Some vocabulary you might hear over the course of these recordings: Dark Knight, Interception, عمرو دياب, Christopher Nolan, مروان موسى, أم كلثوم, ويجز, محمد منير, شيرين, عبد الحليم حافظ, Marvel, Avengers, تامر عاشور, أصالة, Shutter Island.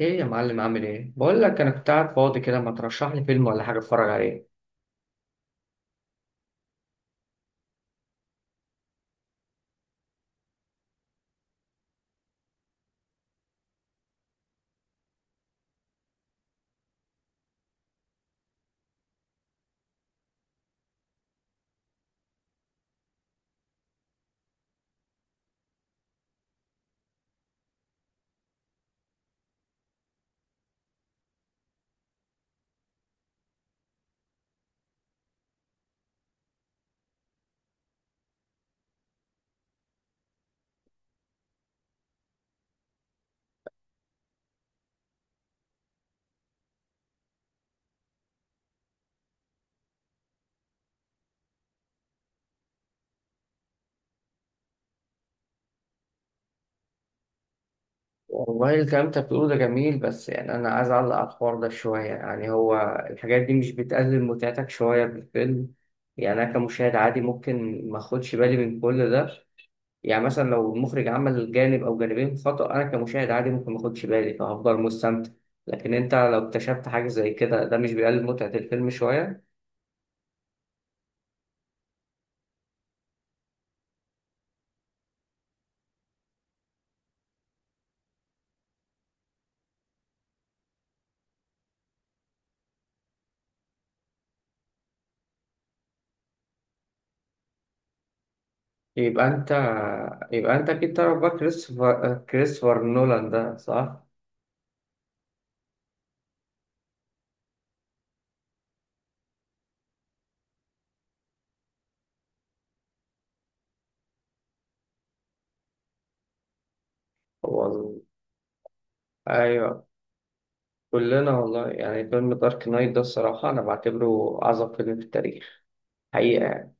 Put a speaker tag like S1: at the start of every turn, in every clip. S1: ايه يا معلم، عامل ايه؟ بقول لك انا كنت قاعد فاضي كده، ما ترشح لي فيلم ولا حاجه اتفرج عليه. والله الكلام انت بتقوله ده جميل، بس يعني انا عايز اعلق على الحوار ده شويه. يعني هو الحاجات دي مش بتقلل متعتك شويه بالفيلم؟ يعني انا كمشاهد عادي ممكن ما اخدش بالي من كل ده. يعني مثلا لو المخرج عمل جانب او جانبين خطأ، انا كمشاهد عادي ممكن ما اخدش بالي فهفضل مستمتع. لكن انت لو اكتشفت حاجه زي كده، ده مش بيقلل متعه الفيلم شويه؟ يبقى انت يبقى انت اكيد تعرف بقى كريستوفر نولان ده، صح؟ هو ال- ايوه، كلنا والله. يعني فيلم دارك نايت ده الصراحه انا بعتبره اعظم فيلم في التاريخ حقيقه يعني.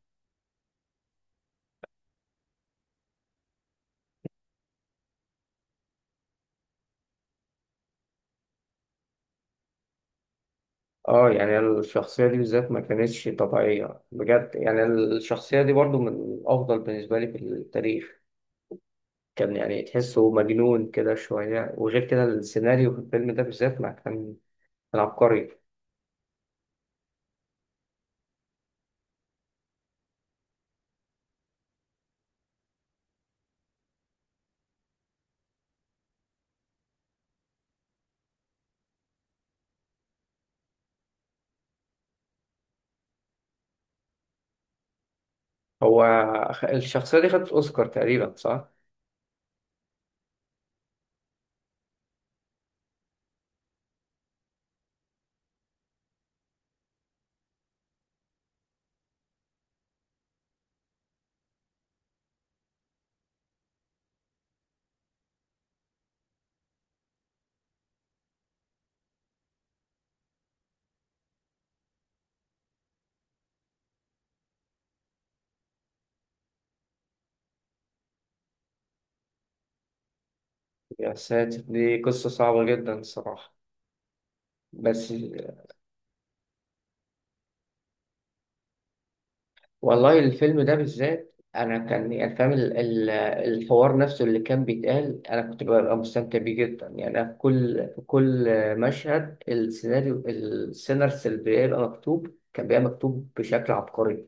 S1: اه، يعني الشخصيه دي بالذات ما كانتش طبيعيه بجد. يعني الشخصيه دي برضو من افضل بالنسبه لي في التاريخ. كان يعني تحسه مجنون كده شويه، وغير كده السيناريو في الفيلم ده بالذات ما كان كان عبقري. هو، الشخصيه دي خدت اوسكار تقريبا، صح؟ يا ساتر، دي قصة صعبة جدا الصراحة، بس... والله الفيلم ده بالذات أنا كان يعني فاهم الحوار نفسه اللي كان بيتقال، أنا كنت ببقى مستمتع بيه جدا. يعني أنا في كل في كل مشهد السيناريو اللي بيبقى مكتوب كان بيبقى مكتوب بشكل عبقري.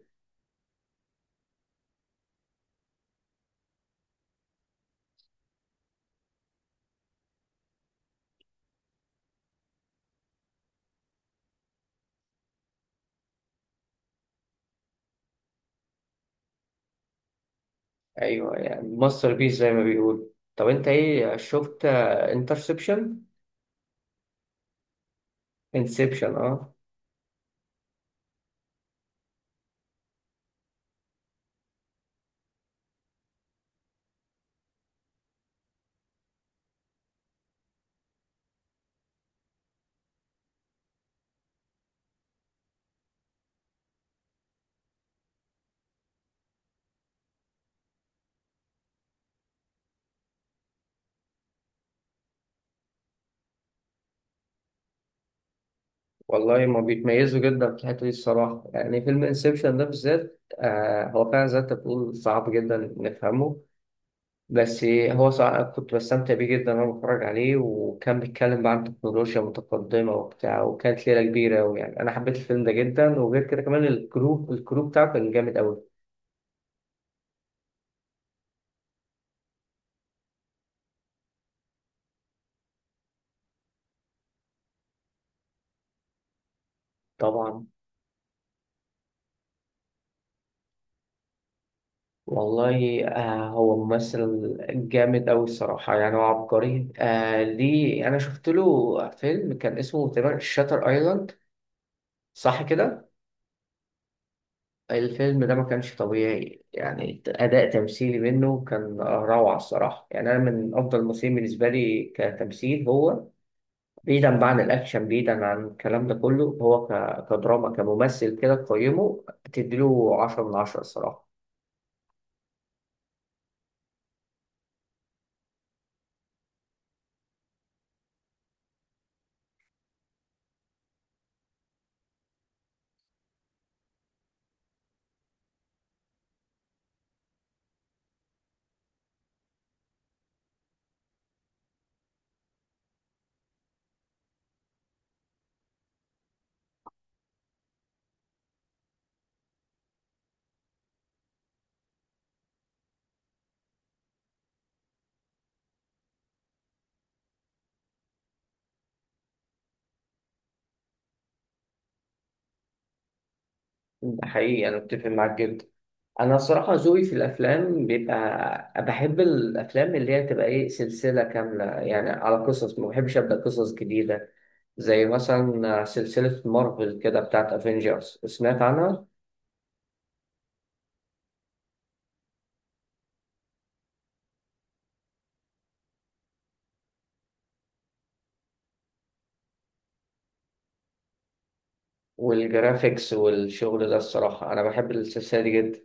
S1: أيوه، يعني ماستر بيس زي ما بيقول. طب أنت إيه، شفت انترسبشن؟ انسبشن، اه، Interception؟ والله، ما بيتميزوا جدا في الحتة دي الصراحة. يعني فيلم انسبشن ده بالذات، هو فعلا زي ما انت بتقول، صعب جدا نفهمه. بس هو صعب كنت بستمتع بيه جدا وانا بتفرج عليه، وكان بيتكلم بقى عن تكنولوجيا متقدمة وبتاع، وكانت ليلة كبيرة. ويعني أنا حبيت الفيلم ده جدا، وغير كده كمان الكروب بتاعه كان جامد أوي. طبعا. والله آه، هو ممثل جامد أوي الصراحة، يعني هو عبقري. ليه، أنا شفت له فيلم كان اسمه تقريبا شاتر أيلاند، صح كده؟ الفيلم ده ما كانش طبيعي، يعني أداء تمثيلي منه كان روعة الصراحة. يعني أنا من أفضل الممثلين بالنسبة لي كتمثيل هو، بعيدا بقى عن الأكشن، بعيدا عن الكلام ده كله. هو كدراما، كممثل، كده تقيمه تديله 10 من 10 الصراحة. ده حقيقي، أنا أتفق معاك جدا. انا الصراحه ذوقي في الافلام بيبقى بحب الافلام اللي هي تبقى ايه، سلسله كامله يعني على قصص، ما بحبش ابدا قصص جديده. زي مثلا سلسله مارفل كده بتاعت افنجرز، سمعت عنها؟ والجرافيكس والشغل ده، الصراحه انا بحب السلسله دي جدا.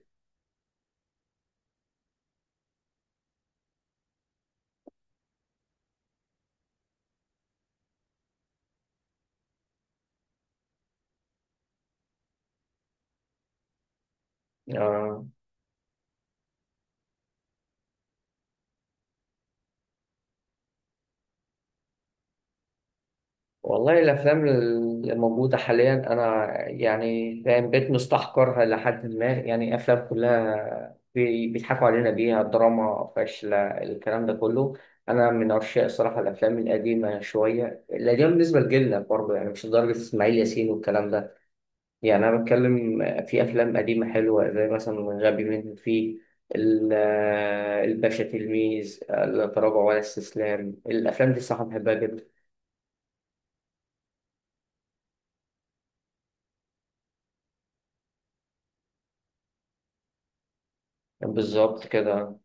S1: آه. والله الأفلام اللي موجودة حاليا أنا يعني فاهم بقيت مستحقرها لحد ما، يعني أفلام كلها بيضحكوا علينا بيها، دراما فاشلة، الكلام ده كله. أنا من عشاق صراحة الأفلام القديمة شوية، القديمة بالنسبة لجيلنا برضه، يعني مش لدرجة إسماعيل ياسين والكلام ده. يعني أنا بتكلم في أفلام قديمة حلوة زي مثلا غبي منه فيه، ال- الباشا تلميذ، لا تراجع ولا استسلام. الأفلام دي الصراحة بحبها جدا. بالظبط كده.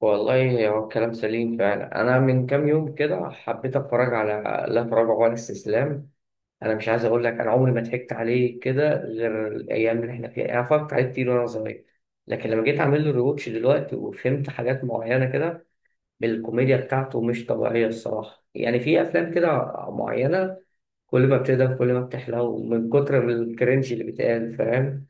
S1: والله هو الكلام سليم فعلا. انا من كام يوم كده حبيت اتفرج على لا تراجع ولا استسلام. انا مش عايز اقول لك، انا عمري ما ضحكت عليه كده غير الايام اللي احنا فيها. انا اتفرجت عليه كتير وانا صغير، لكن لما جيت اعمل له ريواتش دلوقتي وفهمت حاجات معينه كده، الكوميديا بتاعته مش طبيعيه الصراحه. يعني في افلام كده معينه، كل ما بتقدر كل ما بتحلو من كتر الكرنج اللي بيتقال، فاهم؟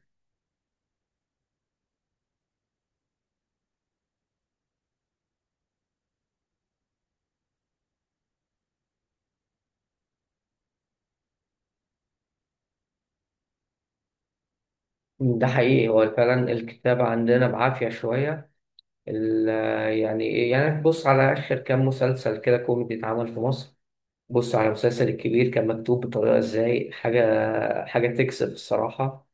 S1: ده حقيقي، هو فعلا الكتابة عندنا بعافية شوية. ال- يعني إيه؟ يعني بص على آخر كام مسلسل كده كوميدي اتعمل في مصر. بص على المسلسل الكبير، كان مكتوب بطريقة ازاي؟ حاجة حاجة تكسب الصراحة.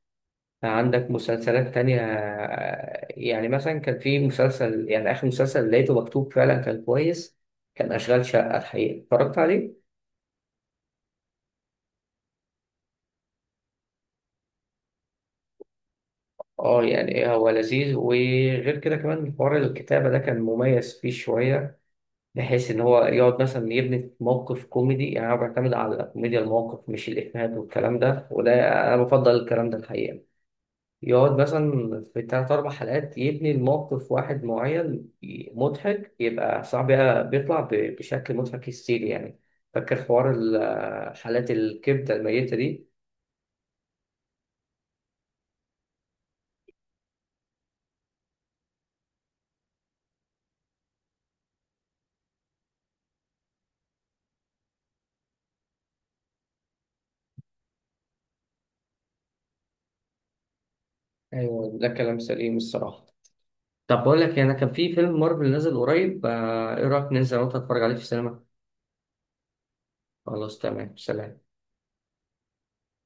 S1: عندك مسلسلات تانية آه، يعني مثلا كان في مسلسل، يعني آخر مسلسل لقيته مكتوب فعلا كان كويس، كان أشغال شقة. الحقيقة اتفرجت عليه؟ اه، يعني إيه، هو لذيذ، وغير كده كمان حوار الكتابة ده كان مميز فيه شوية. بحيث ان هو يقعد مثلا يبني في موقف كوميدي، يعني انا بعتمد على كوميديا الموقف مش الافيهات والكلام ده، وده انا بفضل الكلام ده الحقيقه. يقعد مثلا في 3 أو 4 حلقات يبني الموقف واحد معين، مضحك، يبقى صعب بقى بيطلع بشكل مضحك هستيري يعني. فاكر حوار حالات الكبدة الميتة دي؟ أيوة ده كلام سليم الصراحة. طب بقول لك إيه، أنا كان في فيلم مارفل نازل قريب، آه، إيه رأيك ننزل وأنت تتفرج عليه في السينما؟ خلاص، تمام، سلام.